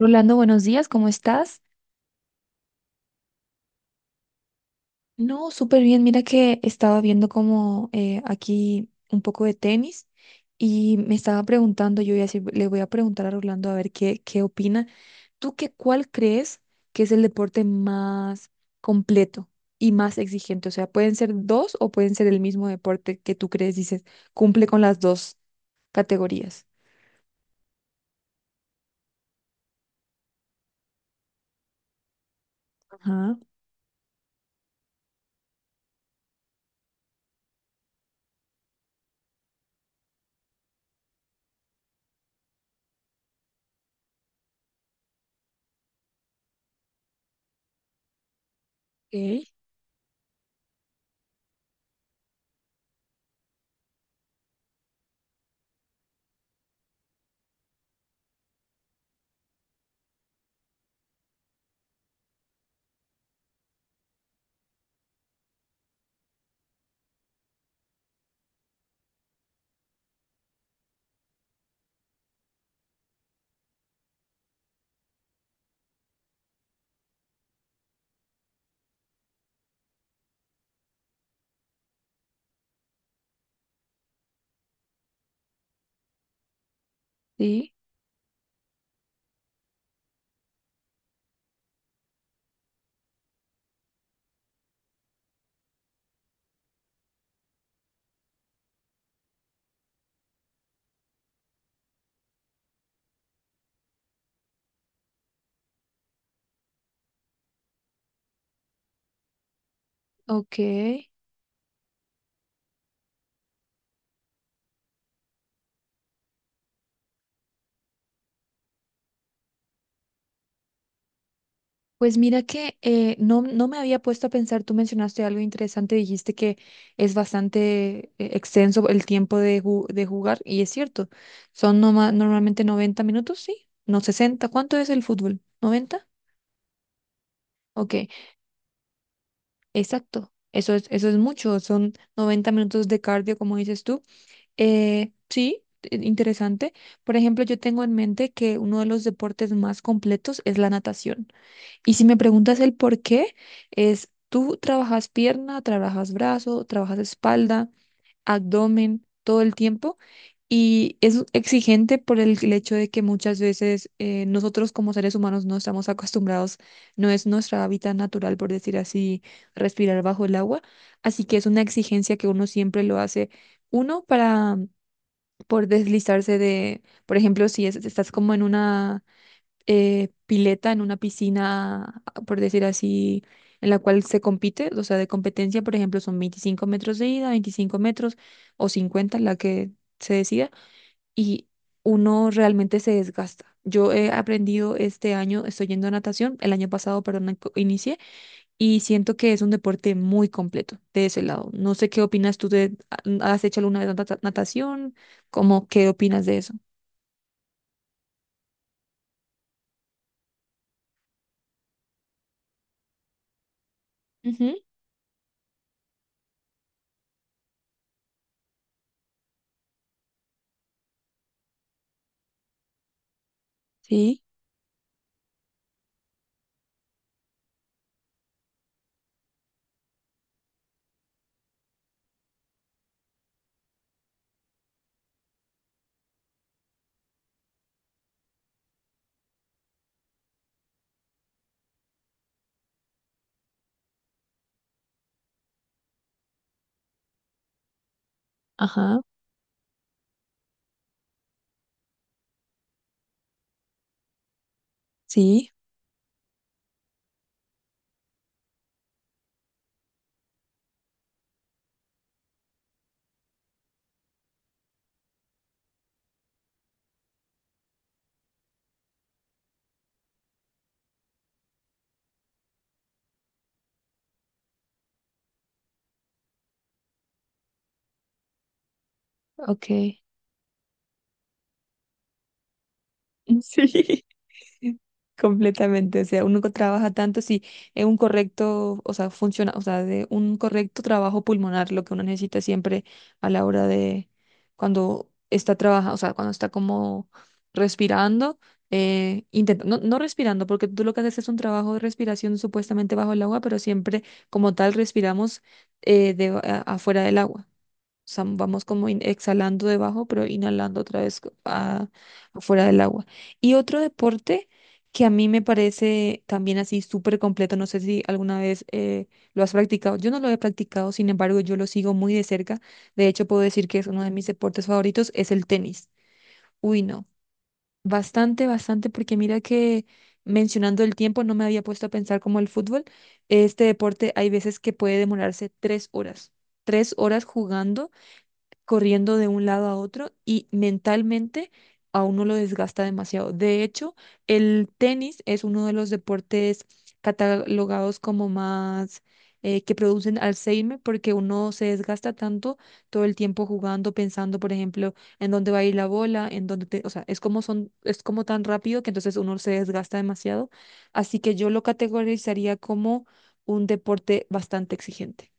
Rolando, buenos días, ¿cómo estás? No, súper bien. Mira que estaba viendo como aquí un poco de tenis y me estaba preguntando, yo voy a le voy a preguntar a Rolando a ver qué opina. Cuál crees que es el deporte más completo y más exigente? O sea, pueden ser dos o pueden ser el mismo deporte que tú crees, dices, cumple con las dos categorías. Ajá, ok, sí, ok. Pues mira que no, no me había puesto a pensar, tú mencionaste algo interesante, dijiste que es bastante extenso el tiempo de jugar y es cierto, son normalmente 90 minutos, sí, no 60. ¿Cuánto es el fútbol? 90. Ok, exacto, eso es mucho, son 90 minutos de cardio, como dices tú. Sí, interesante. Por ejemplo, yo tengo en mente que uno de los deportes más completos es la natación. Y si me preguntas el por qué, es tú trabajas pierna, trabajas brazo, trabajas espalda, abdomen, todo el tiempo. Y es exigente por el hecho de que muchas veces nosotros como seres humanos no estamos acostumbrados, no es nuestra hábitat natural, por decir así, respirar bajo el agua. Así que es una exigencia que uno siempre lo hace, uno para por deslizarse de, por ejemplo, si es- estás como en una pileta en una piscina, por decir así, en la cual se compite, o sea, de competencia, por ejemplo, son 25 metros de ida, 25 metros o 50, la que se decida, y uno realmente se desgasta. Yo he aprendido este año, estoy yendo a natación, el año pasado, perdón, inicié, y siento que es un deporte muy completo de ese lado. No sé qué opinas tú de ¿has hecho alguna vez natación? ¿Cómo qué opinas de eso? Ujú, sí, ajá, sí, ok. Sí, completamente. O sea, uno que trabaja tanto, sí, es un correcto, o sea, funciona, o sea, de un correcto trabajo pulmonar, lo que uno necesita siempre a la hora de cuando está trabajando, o sea, cuando está como respirando, intenta, no, no respirando, porque tú lo que haces es un trabajo de respiración supuestamente bajo el agua, pero siempre como tal respiramos afuera del agua, vamos como exhalando debajo, pero inhalando otra vez afuera del agua. Y otro deporte que a mí me parece también así súper completo, no sé si alguna vez lo has practicado. Yo no lo he practicado, sin embargo, yo lo sigo muy de cerca. De hecho, puedo decir que es uno de mis deportes favoritos, es el tenis. Uy, no. Bastante, bastante, porque mira que mencionando el tiempo no me había puesto a pensar como el fútbol. Este deporte hay veces que puede demorarse 3 horas. 3 horas jugando, corriendo de un lado a otro y mentalmente a uno lo desgasta demasiado. De hecho, el tenis es uno de los deportes catalogados como más que producen Alzheimer porque uno se desgasta tanto todo el tiempo jugando, pensando, por ejemplo, en dónde va a ir la bola, en o sea, es como tan rápido que entonces uno se desgasta demasiado. Así que yo lo categorizaría como un deporte bastante exigente.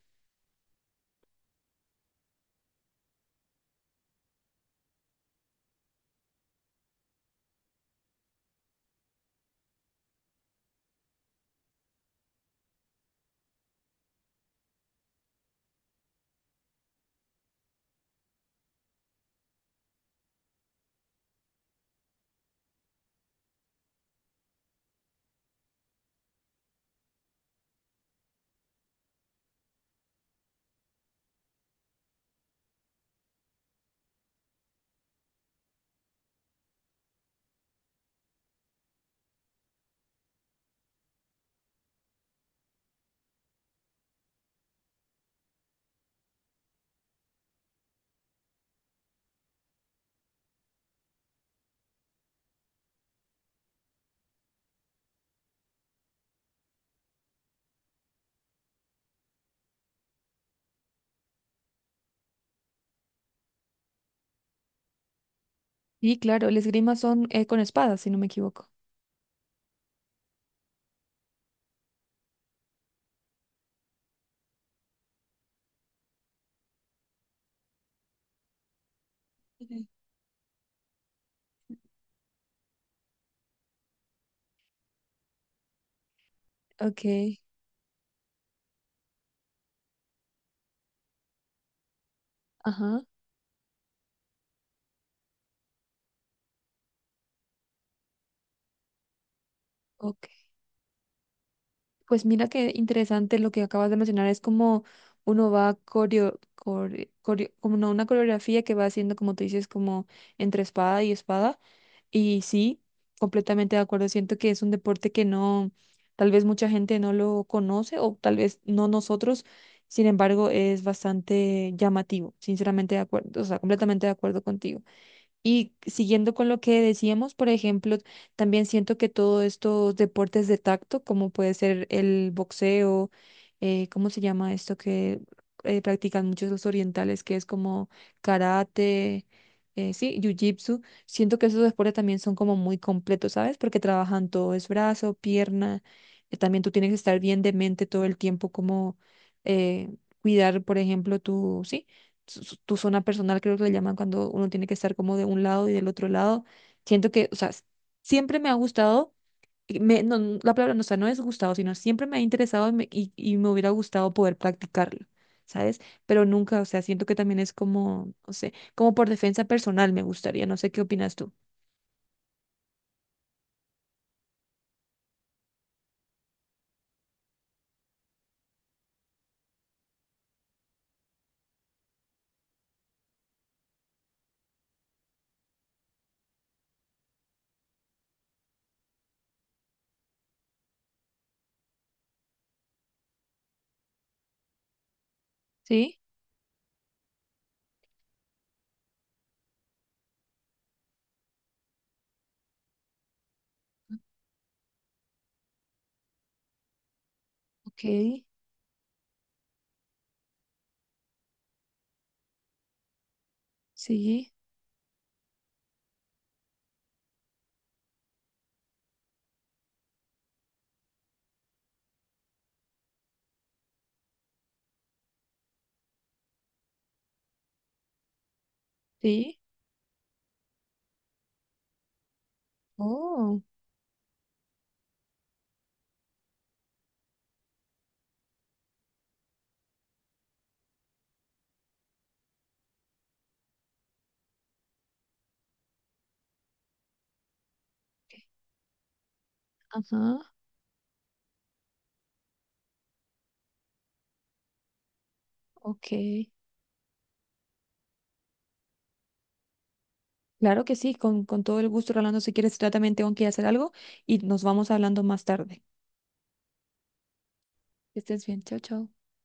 Y claro, el esgrima son con espadas, si no me equivoco. Ujú. Ok, ajá, ok. Pues mira qué interesante lo que acabas de mencionar, es como uno va como una coreografía que va haciendo, como tú dices, como entre espada y espada. Y sí, completamente de acuerdo, siento que es un deporte que no, tal vez mucha gente no lo conoce o tal vez no nosotros, sin embargo, es bastante llamativo, sinceramente de acuerdo, o sea, completamente de acuerdo contigo. Y siguiendo con lo que decíamos, por ejemplo, también siento que todos estos deportes de tacto, como puede ser el boxeo, ¿cómo se llama esto que practican muchos los orientales, que es como karate, sí, jiu-jitsu? Siento que esos deportes también son como muy completos, ¿sabes? Porque trabajan todo, es brazo, pierna, también tú tienes que estar bien de mente todo el tiempo, como eh, cuidar, por ejemplo, sí, tu zona personal, creo que le llaman, cuando uno tiene que estar como de un lado y del otro lado. Siento que, o sea, siempre me ha gustado, y me, no, no, la palabra no, o sea, no es gustado, sino siempre me ha interesado y y me hubiera gustado poder practicarlo, ¿sabes? Pero nunca, o sea, siento que también es como, no sé, como por defensa personal me gustaría, no sé qué opinas tú. Sí, ok, sí, sí, oh, ok, ajá, ok. Claro que sí, con todo el gusto, Rolando, si quieres, yo también tengo que hacer algo y nos vamos hablando más tarde. Que estés bien, chao, chao.